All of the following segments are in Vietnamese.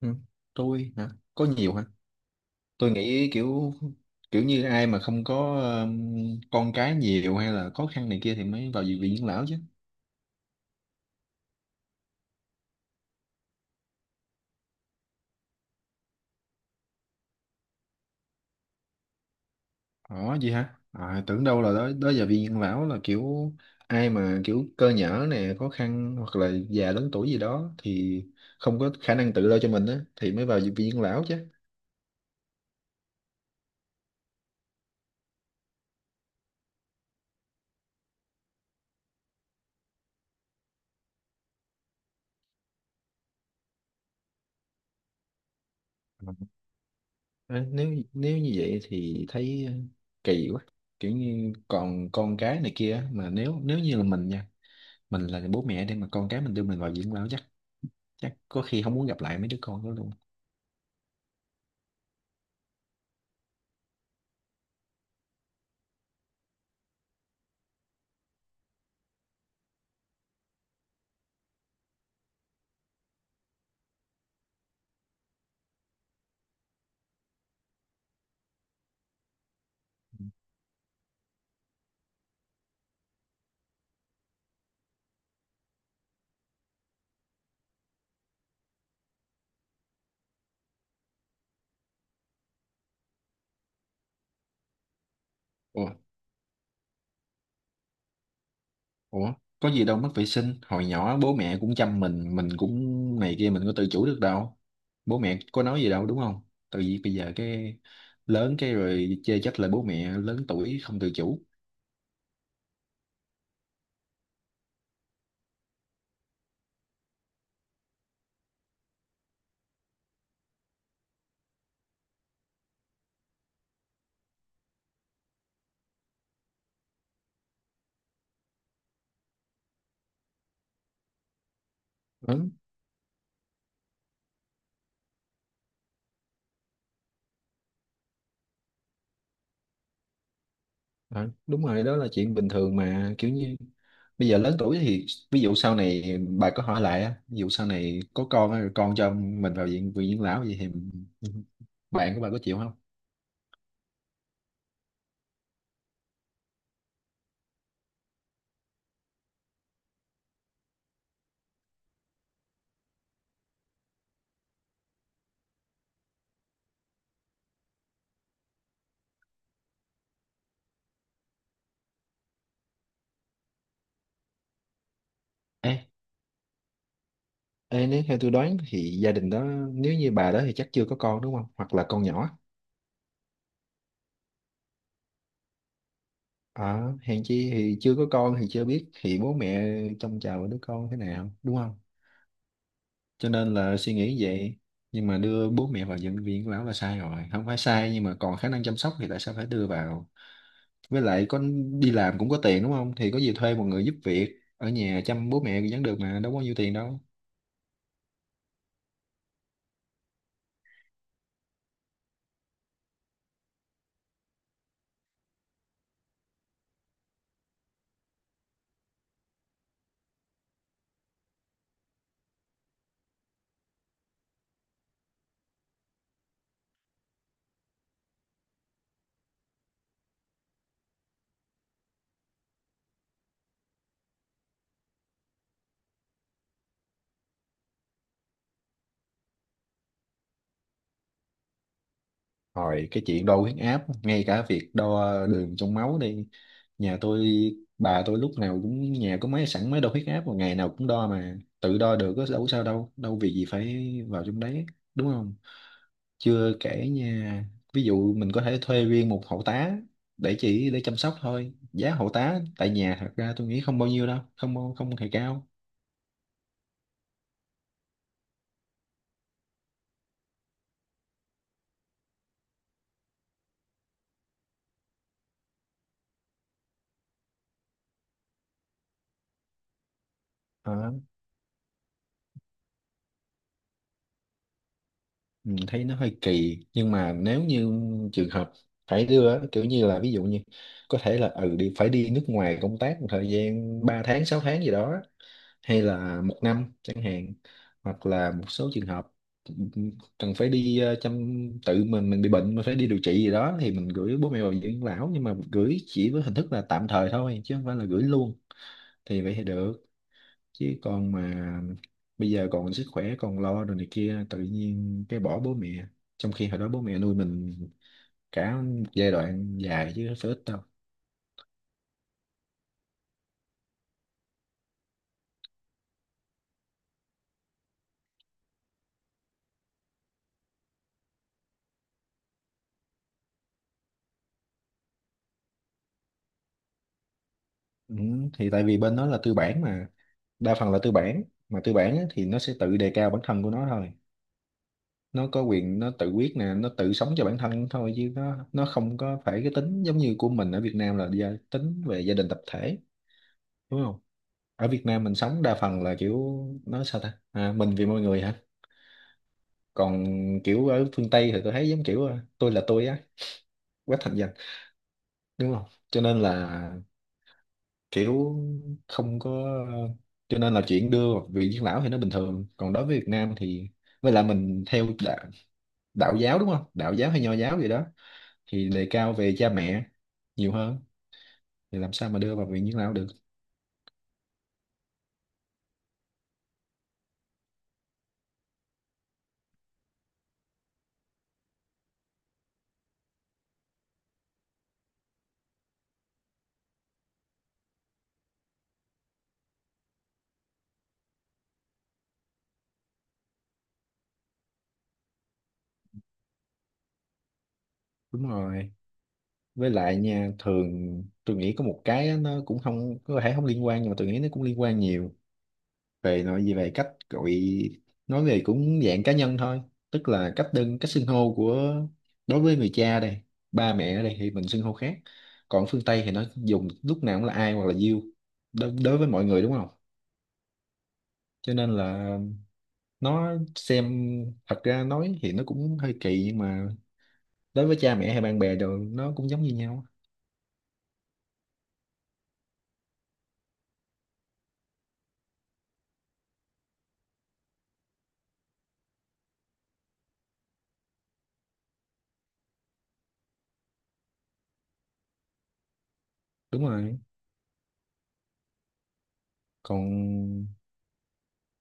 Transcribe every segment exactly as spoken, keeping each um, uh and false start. Ừ, tôi hả có nhiều hả. Tôi nghĩ kiểu kiểu như ai mà không có um, con cái nhiều hay là khó khăn này kia thì mới vào viện dưỡng lão chứ. ờ Gì hả? À, tưởng đâu là đó đó giờ viện dưỡng lão là kiểu ai mà kiểu cơ nhở nè khó khăn hoặc là già lớn tuổi gì đó thì không có khả năng tự lo cho mình á thì mới vào viện dưỡng lão chứ. Ờ, nếu nếu như vậy thì thấy ờ, kỳ quá. Kiểu như còn con cái này kia á, mà nếu nếu như là mình nha, mình là bố mẹ để mà con cái mình đưa mình vào dưỡng lão, chắc chắc có khi không muốn gặp lại mấy đứa con đó luôn. Ủa ủa có gì đâu, mất vệ sinh hồi nhỏ bố mẹ cũng chăm mình mình cũng này kia mình có tự chủ được đâu, bố mẹ có nói gì đâu đúng không? Tại vì bây giờ cái lớn cái rồi chê trách là bố mẹ lớn tuổi không tự chủ. Ừ, ừ, đúng rồi, đó là chuyện bình thường mà. Kiểu như bây giờ lớn tuổi thì ví dụ sau này bà có hỏi lại á, ví dụ sau này có con á, rồi con cho mình vào viện viện dưỡng lão vậy thì bạn của bà có chịu không? Ê, ê, nếu theo tôi đoán thì gia đình đó, nếu như bà đó thì chắc chưa có con đúng không? Hoặc là con nhỏ. À, hèn chi, thì chưa có con thì chưa biết thì bố mẹ trông chào đứa con thế nào đúng không? Cho nên là suy nghĩ vậy. Nhưng mà đưa bố mẹ vào bệnh viện bảo là sai rồi. Không phải sai nhưng mà còn khả năng chăm sóc thì tại sao phải đưa vào? Với lại có đi làm cũng có tiền đúng không? Thì có gì thuê một người giúp việc ở nhà chăm bố mẹ vẫn được mà, đâu có nhiêu tiền đâu. Rồi cái chuyện đo huyết áp, ngay cả việc đo đường trong máu đi. Nhà tôi, bà tôi lúc nào cũng nhà có máy sẵn, máy đo huyết áp, mà ngày nào cũng đo mà. Tự đo được có đâu, có sao đâu, đâu vì gì phải vào trong đấy, đúng không? Chưa kể nha, ví dụ mình có thể thuê riêng một hộ tá để chỉ để chăm sóc thôi. Giá hộ tá tại nhà thật ra tôi nghĩ không bao nhiêu đâu, không không hề cao. Ờ. Mình thấy nó hơi kỳ nhưng mà nếu như trường hợp phải đưa á, kiểu như là ví dụ như có thể là ừ đi phải đi nước ngoài công tác một thời gian ba tháng sáu tháng gì đó, hay là một năm chẳng hạn, hoặc là một số trường hợp cần phải đi ờ, chăm, tự mình mình bị bệnh mà phải đi điều trị gì đó thì mình gửi bố mẹ vào dưỡng lão, nhưng mà gửi chỉ với hình thức là tạm thời thôi chứ không phải là gửi luôn, thì vậy thì được. Chứ còn mà bây giờ còn sức khỏe còn lo rồi này kia tự nhiên cái bỏ bố mẹ, trong khi hồi đó bố mẹ nuôi mình cả một giai đoạn dài chứ không phải ít đâu. Ừ, thì tại vì bên đó là tư bản mà, đa phần là tư bản. Mà tư bản á, thì nó sẽ tự đề cao bản thân của nó thôi, nó có quyền, nó tự quyết nè, nó tự sống cho bản thân thôi, chứ nó nó không có phải cái tính giống như của mình ở Việt Nam là gia, tính về gia đình tập thể, đúng không? Ở Việt Nam mình sống đa phần là kiểu nói sao ta, à, mình vì mọi người hả. Còn kiểu ở phương Tây thì tôi thấy giống kiểu ờ, tôi là tôi á, quá thành danh, đúng không? Cho nên là kiểu không có, cho nên là chuyện đưa vị dưỡng lão thì nó bình thường, còn đối với Việt Nam thì với lại mình theo đạo, đạo giáo đúng không, đạo giáo hay nho giáo gì đó, thì đề cao về cha mẹ nhiều hơn, thì làm sao mà đưa vào viện dưỡng lão được. Đúng rồi, với lại nha thường tôi nghĩ có một cái á, nó cũng không có thể không liên quan nhưng mà tôi nghĩ nó cũng liên quan nhiều về nội gì về cách gọi, nói về cũng dạng cá nhân thôi, tức là cách đơn cách xưng hô của đối với người cha đây, ba mẹ ở đây thì mình xưng hô khác. Còn phương Tây thì nó dùng lúc nào cũng là ai hoặc là you đối, đối với mọi người đúng không? Cho nên là nó xem, thật ra nói thì nó cũng hơi kỳ nhưng mà đối với cha mẹ hay bạn bè rồi nó cũng giống như nhau. Đúng rồi. Còn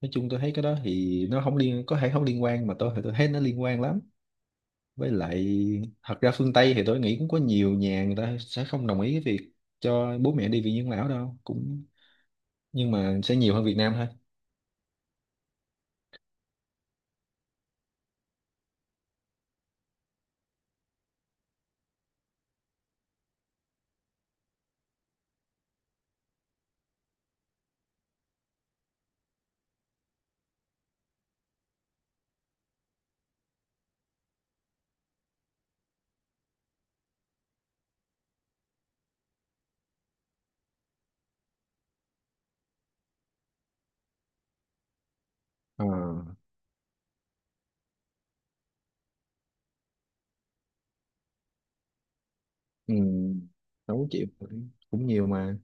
nói chung tôi thấy cái đó thì nó không liên có thể không liên quan, mà tôi thì tôi thấy nó liên quan lắm. Với lại thật ra phương Tây thì tôi nghĩ cũng có nhiều nhà người ta sẽ không đồng ý cái việc cho bố mẹ đi viện dưỡng lão đâu, cũng nhưng mà sẽ nhiều hơn Việt Nam thôi. Ờ, ừ, sáu triệu cũng nhiều mà.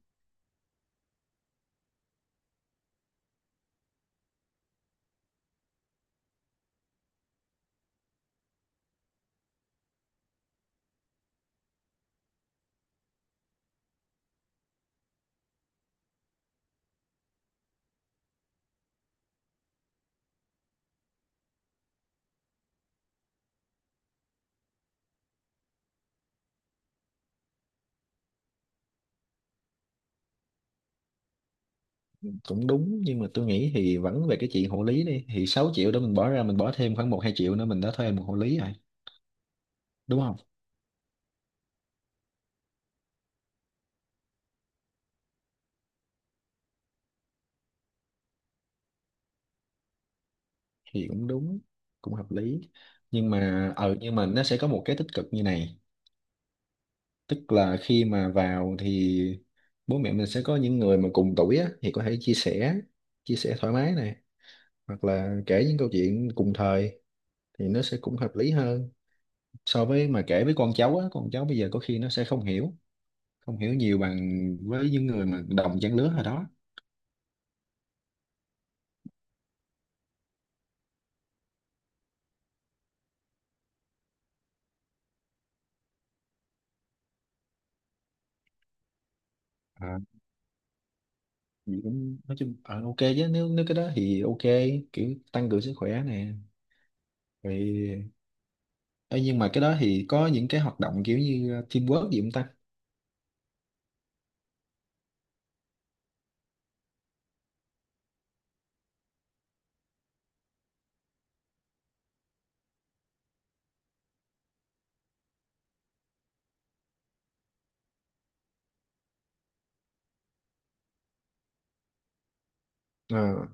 Cũng đúng nhưng mà tôi nghĩ thì vẫn về cái chuyện hộ lý đi, thì sáu triệu đó mình bỏ ra, mình bỏ thêm khoảng một hai triệu nữa mình đã thuê một hộ lý rồi, đúng không? Thì cũng đúng, cũng hợp lý. Nhưng mà ờ nhưng mà nó sẽ có một cái tích cực như này, tức là khi mà vào thì bố mẹ mình sẽ có những người mà cùng tuổi á, thì có thể chia sẻ, chia sẻ thoải mái này, hoặc là kể những câu chuyện cùng thời, thì nó sẽ cũng hợp lý hơn so với mà kể với con cháu á, con cháu bây giờ có khi nó sẽ không hiểu, không hiểu nhiều bằng với những người mà đồng trang lứa hồi đó. À, thì cũng nói chung ờ, ok chứ, nếu nếu cái đó thì ok, kiểu tăng cường sức khỏe nè, rồi. Ê, nhưng mà cái đó thì có những cái hoạt động kiểu như teamwork gì không ta? Ờ.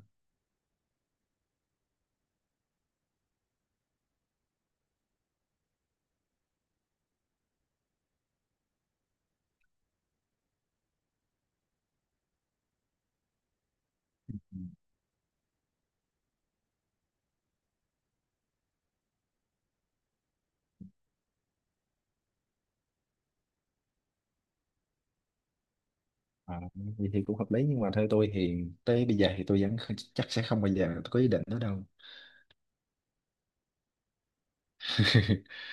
À, vậy thì cũng hợp lý nhưng mà theo tôi thì tới bây giờ thì tôi vẫn chắc sẽ không bao giờ tôi có ý định đó đâu.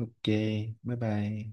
Ok, bye bye.